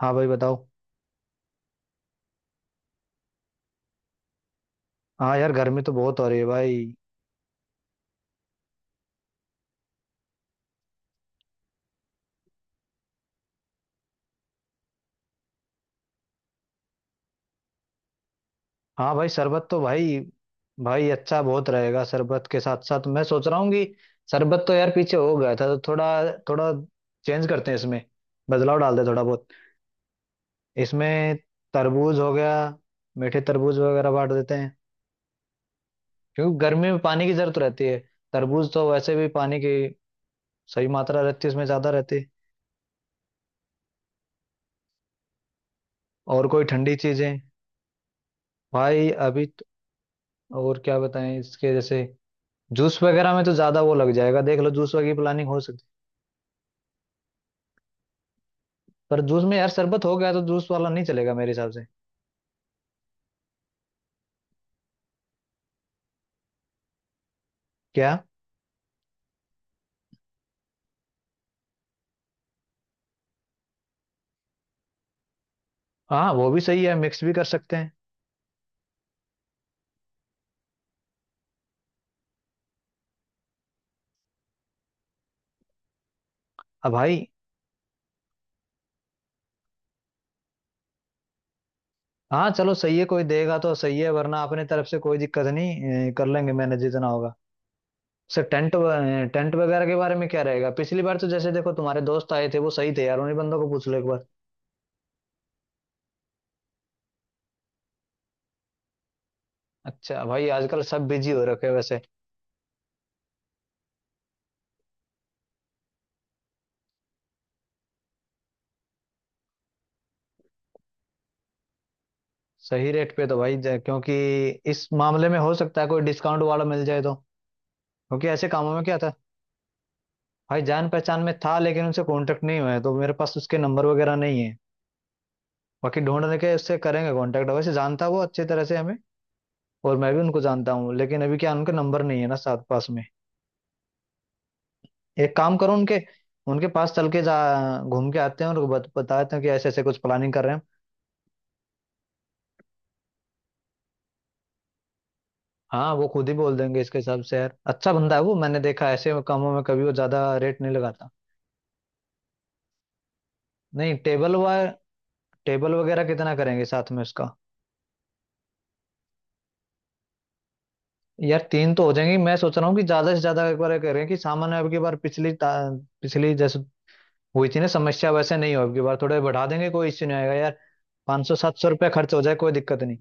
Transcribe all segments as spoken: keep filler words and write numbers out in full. हाँ भाई बताओ। हाँ यार, गर्मी तो बहुत हो रही है भाई। हाँ भाई, शरबत तो भाई। भाई अच्छा बहुत रहेगा, शरबत के साथ साथ मैं सोच रहा हूँ कि शरबत तो यार पीछे हो गया था, तो थोड़ा थोड़ा चेंज करते हैं इसमें। बदलाव डाल दे थोड़ा बहुत। इसमें तरबूज हो गया। मीठे तरबूज वगैरह बांट देते हैं, क्योंकि गर्मी में पानी की जरूरत रहती है। तरबूज तो वैसे भी पानी की सही मात्रा रहती है, उसमें ज्यादा रहती है। और कोई ठंडी चीजें। भाई अभी तो- और क्या बताएं इसके जैसे। जूस वगैरह में तो ज्यादा वो लग जाएगा, देख लो जूस वगैरह की प्लानिंग हो सकती है, पर जूस में यार शरबत हो गया तो जूस वाला नहीं चलेगा मेरे हिसाब से। क्या? हाँ, वो भी सही है, मिक्स भी कर सकते हैं। अब भाई। हाँ चलो, सही है, कोई देगा तो सही है, वरना अपने तरफ से कोई दिक्कत नहीं, ए, कर लेंगे मैनेज जितना होगा। सर, टेंट व- टेंट वगैरह के बारे में क्या रहेगा? पिछली बार तो जैसे देखो तुम्हारे दोस्त आए थे, वो सही थे यार, उन्हीं बंदों को पूछ लो एक बार। अच्छा भाई, आजकल सब बिजी हो रखे हैं वैसे। सही रेट पे तो भाई ज- क्योंकि इस मामले में हो सकता है कोई डिस्काउंट वाला मिल जाए तो, क्योंकि ऐसे कामों में क्या। भाई जान पहचान में था, लेकिन उनसे कांटेक्ट नहीं हुआ है तो मेरे पास उसके नंबर वगैरह नहीं है। बाकी ढूंढने के उससे करेंगे कांटेक्ट, वैसे जानता है वो अच्छे तरह से हमें। और मैं भी उनको जानता हूँ, लेकिन अभी क्या उनके नंबर नहीं है ना साथ पास में। एक काम करो, उनके उनके पास चल के जा। घूम के आते हैं और बत, बताते हैं कि ऐसे ऐसे कुछ प्लानिंग कर रहे हैं। हाँ वो खुद ही बोल देंगे इसके हिसाब से, यार अच्छा बंदा है वो, मैंने देखा ऐसे कामों में कभी वो ज्यादा रेट नहीं लगाता। नहीं, टेबल वा टेबल वगैरह कितना करेंगे साथ में उसका? यार तीन तो हो जाएंगे। मैं सोच रहा हूँ कि ज्यादा से ज्यादा एक बार ये करें कि सामान्य अब की बार पिछली ता- पिछली जैसे हुई थी ना समस्या, वैसे नहीं हो अब की बार, थोड़े बढ़ा देंगे, कोई इश्यू नहीं आएगा यार। पाँच सौ सात सौ रुपया खर्च हो जाए, कोई दिक्कत नहीं।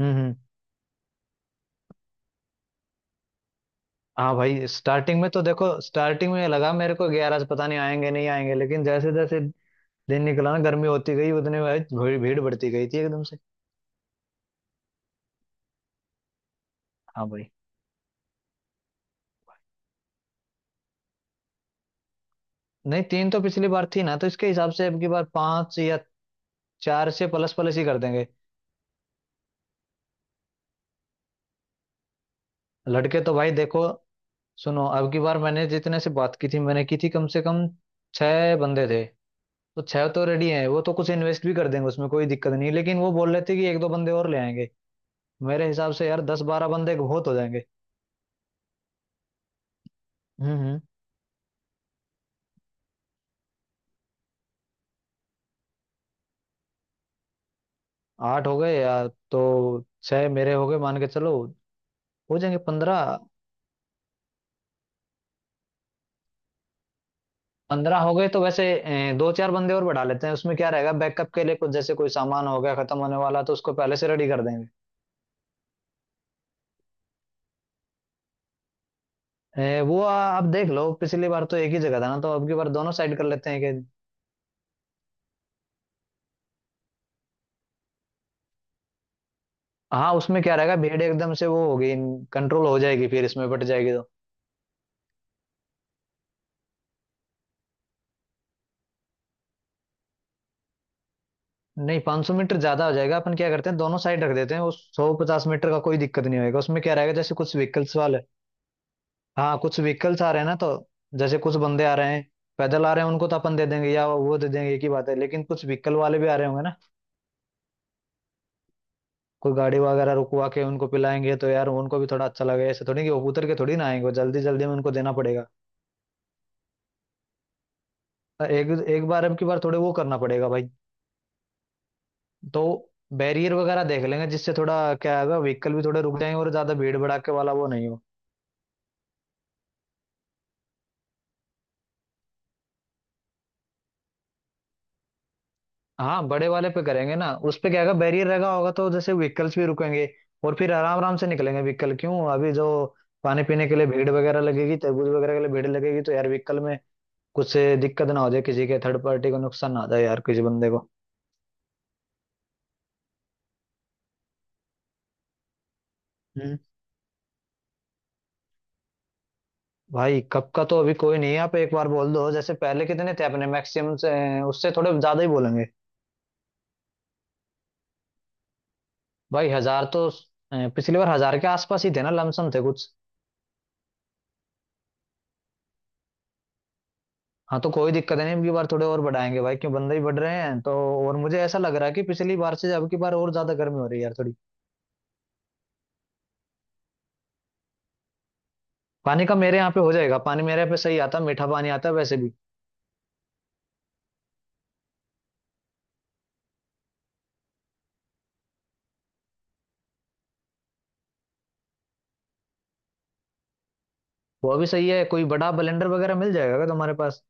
हम्म, हम्म। हाँ भाई, स्टार्टिंग में तो देखो, स्टार्टिंग में ये लगा मेरे को ग्यारह, पता नहीं आएंगे नहीं आएंगे, लेकिन जैसे जैसे दिन निकला ना, गर्मी होती गई उतने भाई भीड़ भीड़ बढ़ती गई थी एकदम से। हाँ भाई। नहीं, तीन तो पिछली बार थी ना, तो इसके हिसाब से अब की बार पाँच या चार से प्लस प्लस ही कर देंगे। लड़के तो भाई देखो। सुनो, अब की बार मैंने जितने से बात की थी मैंने की थी, कम से कम छह बंदे थे। तो छह तो रेडी हैं, वो तो कुछ इन्वेस्ट भी कर देंगे, उसमें कोई दिक्कत नहीं, लेकिन वो बोल रहे थे कि एक दो बंदे और ले आएंगे। मेरे हिसाब से यार दस बारह बंदे बहुत हो जाएंगे। हम्म, हम्म। आठ हो गए यार तो छह मेरे हो गए मान के चलो। हो जाएंगे पंद्रह। पंद्रह हो गए तो वैसे अ, दो चार बंदे और बढ़ा लेते हैं, उसमें क्या रहेगा बैकअप के लिए, कुछ जैसे कोई सामान हो गया खत्म होने वाला तो उसको पहले से रेडी कर देंगे। अ, वो आ- आप देख लो, पिछली बार तो एक ही जगह था ना, तो अब की बार दोनों साइड कर लेते हैं कि हाँ, उसमें क्या रहेगा, भीड़ एकदम से वो होगी कंट्रोल हो जाएगी, फिर इसमें बट जाएगी तो नहीं, पाँच सौ मीटर ज्यादा हो जाएगा। अपन क्या करते हैं दोनों साइड रख देते हैं, वो सौ पचास मीटर का कोई दिक्कत नहीं होगा, उसमें क्या रहेगा जैसे कुछ व्हीकल्स वाले, हाँ कुछ व्हीकल्स आ रहे हैं ना तो जैसे कुछ बंदे आ रहे हैं, पैदल आ रहे हैं उनको तो अपन दे देंगे या वो दे देंगे, एक ही बात है, लेकिन कुछ व्हीकल वाले भी आ रहे होंगे ना, कोई गाड़ी वगैरह रुकवा के उनको पिलाएंगे तो यार उनको भी थोड़ा अच्छा लगेगा, ऐसे थोड़ी कि वो उतर के थोड़ी ना आएंगे, वो जल्दी जल्दी में उनको देना पड़ेगा। एक एक बार अब की बार थोड़े वो करना पड़ेगा भाई। तो बैरियर वगैरह देख लेंगे, जिससे थोड़ा क्या है व्हीकल भी थोड़े रुक जाएंगे और ज्यादा भीड़ भड़ाके वाला वो नहीं हो। हाँ बड़े वाले पे करेंगे ना, उस पे क्या होगा बैरियर लगा होगा तो जैसे व्हीकल्स भी रुकेंगे और फिर आराम आराम से निकलेंगे व्हीकल, क्यों अभी जो पानी पीने के लिए भीड़ वगैरह लगेगी, तरबूज वगैरह के लिए भीड़ लगेगी तो यार व्हीकल में कुछ से दिक्कत ना हो जाए, किसी के थर्ड पार्टी को नुकसान ना हो जाए यार किसी बंदे को। हम्म। भाई कब का तो अभी कोई नहीं है, आप एक बार बोल दो जैसे पहले कितने थे अपने मैक्सिमम से, उससे थोड़े ज्यादा ही बोलेंगे। भाई हजार तो अ, पिछली बार हजार के आसपास ही थे ना, लमसम थे कुछ। हाँ तो कोई दिक्कत नहीं, अबकी बार थोड़े और बढ़ाएंगे भाई, क्यों बंदे ही बढ़ रहे हैं तो। और मुझे ऐसा लग रहा है कि पिछली बार से अब की बार और ज्यादा गर्मी हो रही है यार थोड़ी। पानी का मेरे यहाँ पे हो जाएगा, पानी मेरे यहाँ पे सही आता, मीठा पानी आता है वैसे भी। वो भी सही है, कोई बड़ा ब्लेंडर वगैरह मिल जाएगा क्या तुम्हारे पास?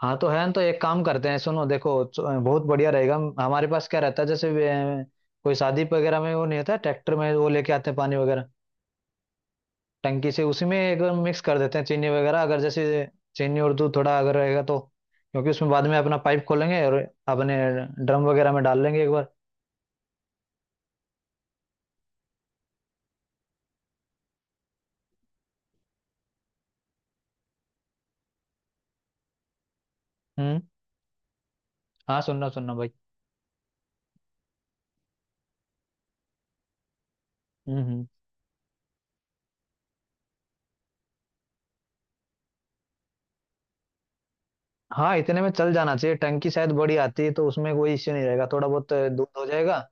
हाँ तो है न, तो एक काम करते हैं, सुनो देखो च- अ, बहुत बढ़िया रहेगा, हम- हमारे पास क्या रहता है जैसे अ, कोई शादी वगैरह में वो नहीं होता, ट्रैक्टर में वो लेके आते हैं पानी वगैरह, टंकी से, उसी में अगर मिक्स कर देते हैं चीनी वगैरह अगर जैसे चीनी और दूध थोड़ा अगर रहेगा तो, क्योंकि उसमें बाद में अपना पाइप खोलेंगे और अपने ड्रम वगैरह में डाल लेंगे एक बार। हम्म। हाँ सुनना सुनना भाई। हम्म, हम्म। हाँ, इतने में चल जाना चाहिए, टंकी शायद बड़ी आती है तो उसमें कोई इश्यू नहीं रहेगा, थोड़ा बहुत दूध हो जाएगा।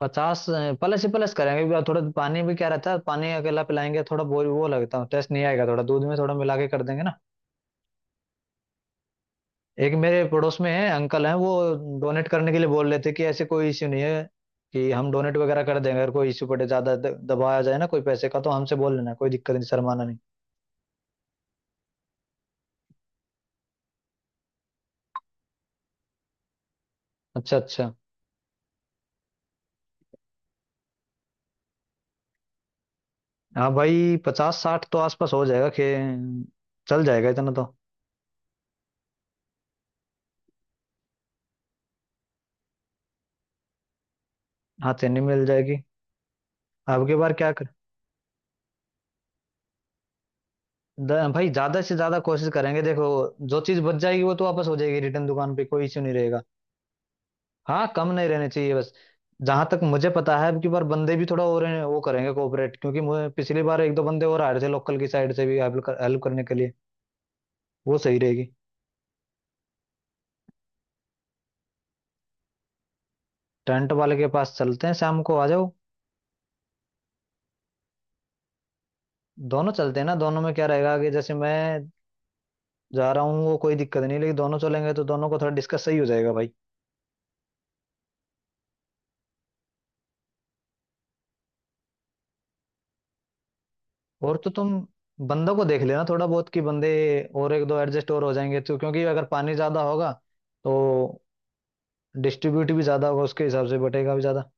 पचास प्लस ही प्लस करेंगे क्योंकि थोड़ा पानी भी क्या रहता है, पानी अकेला पिलाएंगे थोड़ा वो वो लगता है टेस्ट नहीं आएगा, थोड़ा दूध में थोड़ा मिला के कर देंगे ना। एक मेरे पड़ोस में है अंकल हैं, वो डोनेट करने के लिए बोल रहे थे कि ऐसे कोई इश्यू नहीं है, कि हम डोनेट वगैरह कर देंगे, अगर कोई इश्यू पड़े ज्यादा द- दबाया जाए ना कोई पैसे का तो हमसे बोल लेना, कोई दिक्कत नहीं, शर्माना नहीं। अच्छा, अच्छा। हाँ भाई पचास साठ तो आसपास हो जाएगा, खे चल जाएगा इतना तो। हाँ, चेन्नई मिल जाएगी। अब की बार क्या कर द- भाई ज्यादा से ज्यादा कोशिश करेंगे, देखो जो चीज बच जाएगी वो तो वापस हो जाएगी रिटर्न दुकान पे, कोई इश्यू नहीं रहेगा। हाँ कम नहीं रहने चाहिए बस। जहां तक मुझे पता है अब की बार बंदे भी थोड़ा और वो करेंगे कोऑपरेट, क्योंकि मुझे पिछली बार एक दो बंदे और आ रहे थे लोकल की साइड से भी हेल्प कर, हेल्प करने के लिए। वो सही रहेगी। टेंट वाले के पास चलते हैं, शाम को आ जाओ। दोनों चलते हैं ना, दोनों में क्या रहेगा कि जैसे मैं जा रहा हूँ वो कोई दिक्कत नहीं, लेकिन दोनों चलेंगे तो दोनों को थोड़ा डिस्कस सही हो जाएगा भाई। और तो तुम बंदों को देख लेना थोड़ा बहुत कि बंदे और एक दो एडजस्ट और हो जाएंगे तो, क्योंकि अगर पानी ज्यादा होगा तो डिस्ट्रीब्यूट भी ज्यादा होगा, उसके हिसाब से बटेगा भी ज्यादा।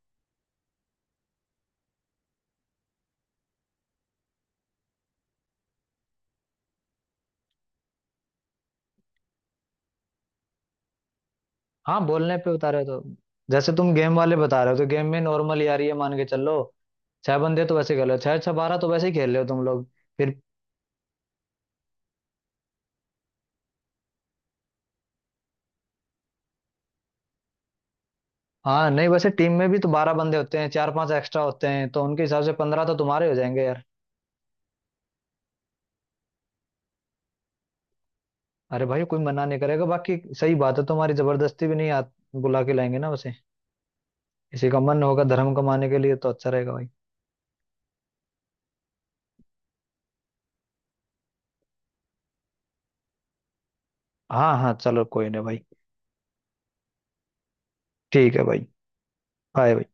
हाँ बोलने पे उतारे तो जैसे तुम गेम वाले बता रहे हो, तो गेम में नॉर्मल यार ये मान के चल लो छह बंदे तो वैसे खेल रहे हो, छह छह बारह तो वैसे ही खेल रहे हो तुम लोग, फिर हाँ नहीं, वैसे टीम में भी तो बारह बंदे होते हैं, चार पांच एक्स्ट्रा होते हैं, तो उनके हिसाब से पंद्रह तो तुम्हारे हो जाएंगे यार। अरे भाई कोई मना नहीं करेगा, बाकी सही बात है, तुम्हारी जबरदस्ती भी नहीं आ, बुला के लाएंगे ना उसे। किसी का मन होगा धर्म कमाने के लिए तो अच्छा रहेगा भाई। हाँ हाँ चलो, कोई नहीं भाई। ठीक है भाई। बाय भाई।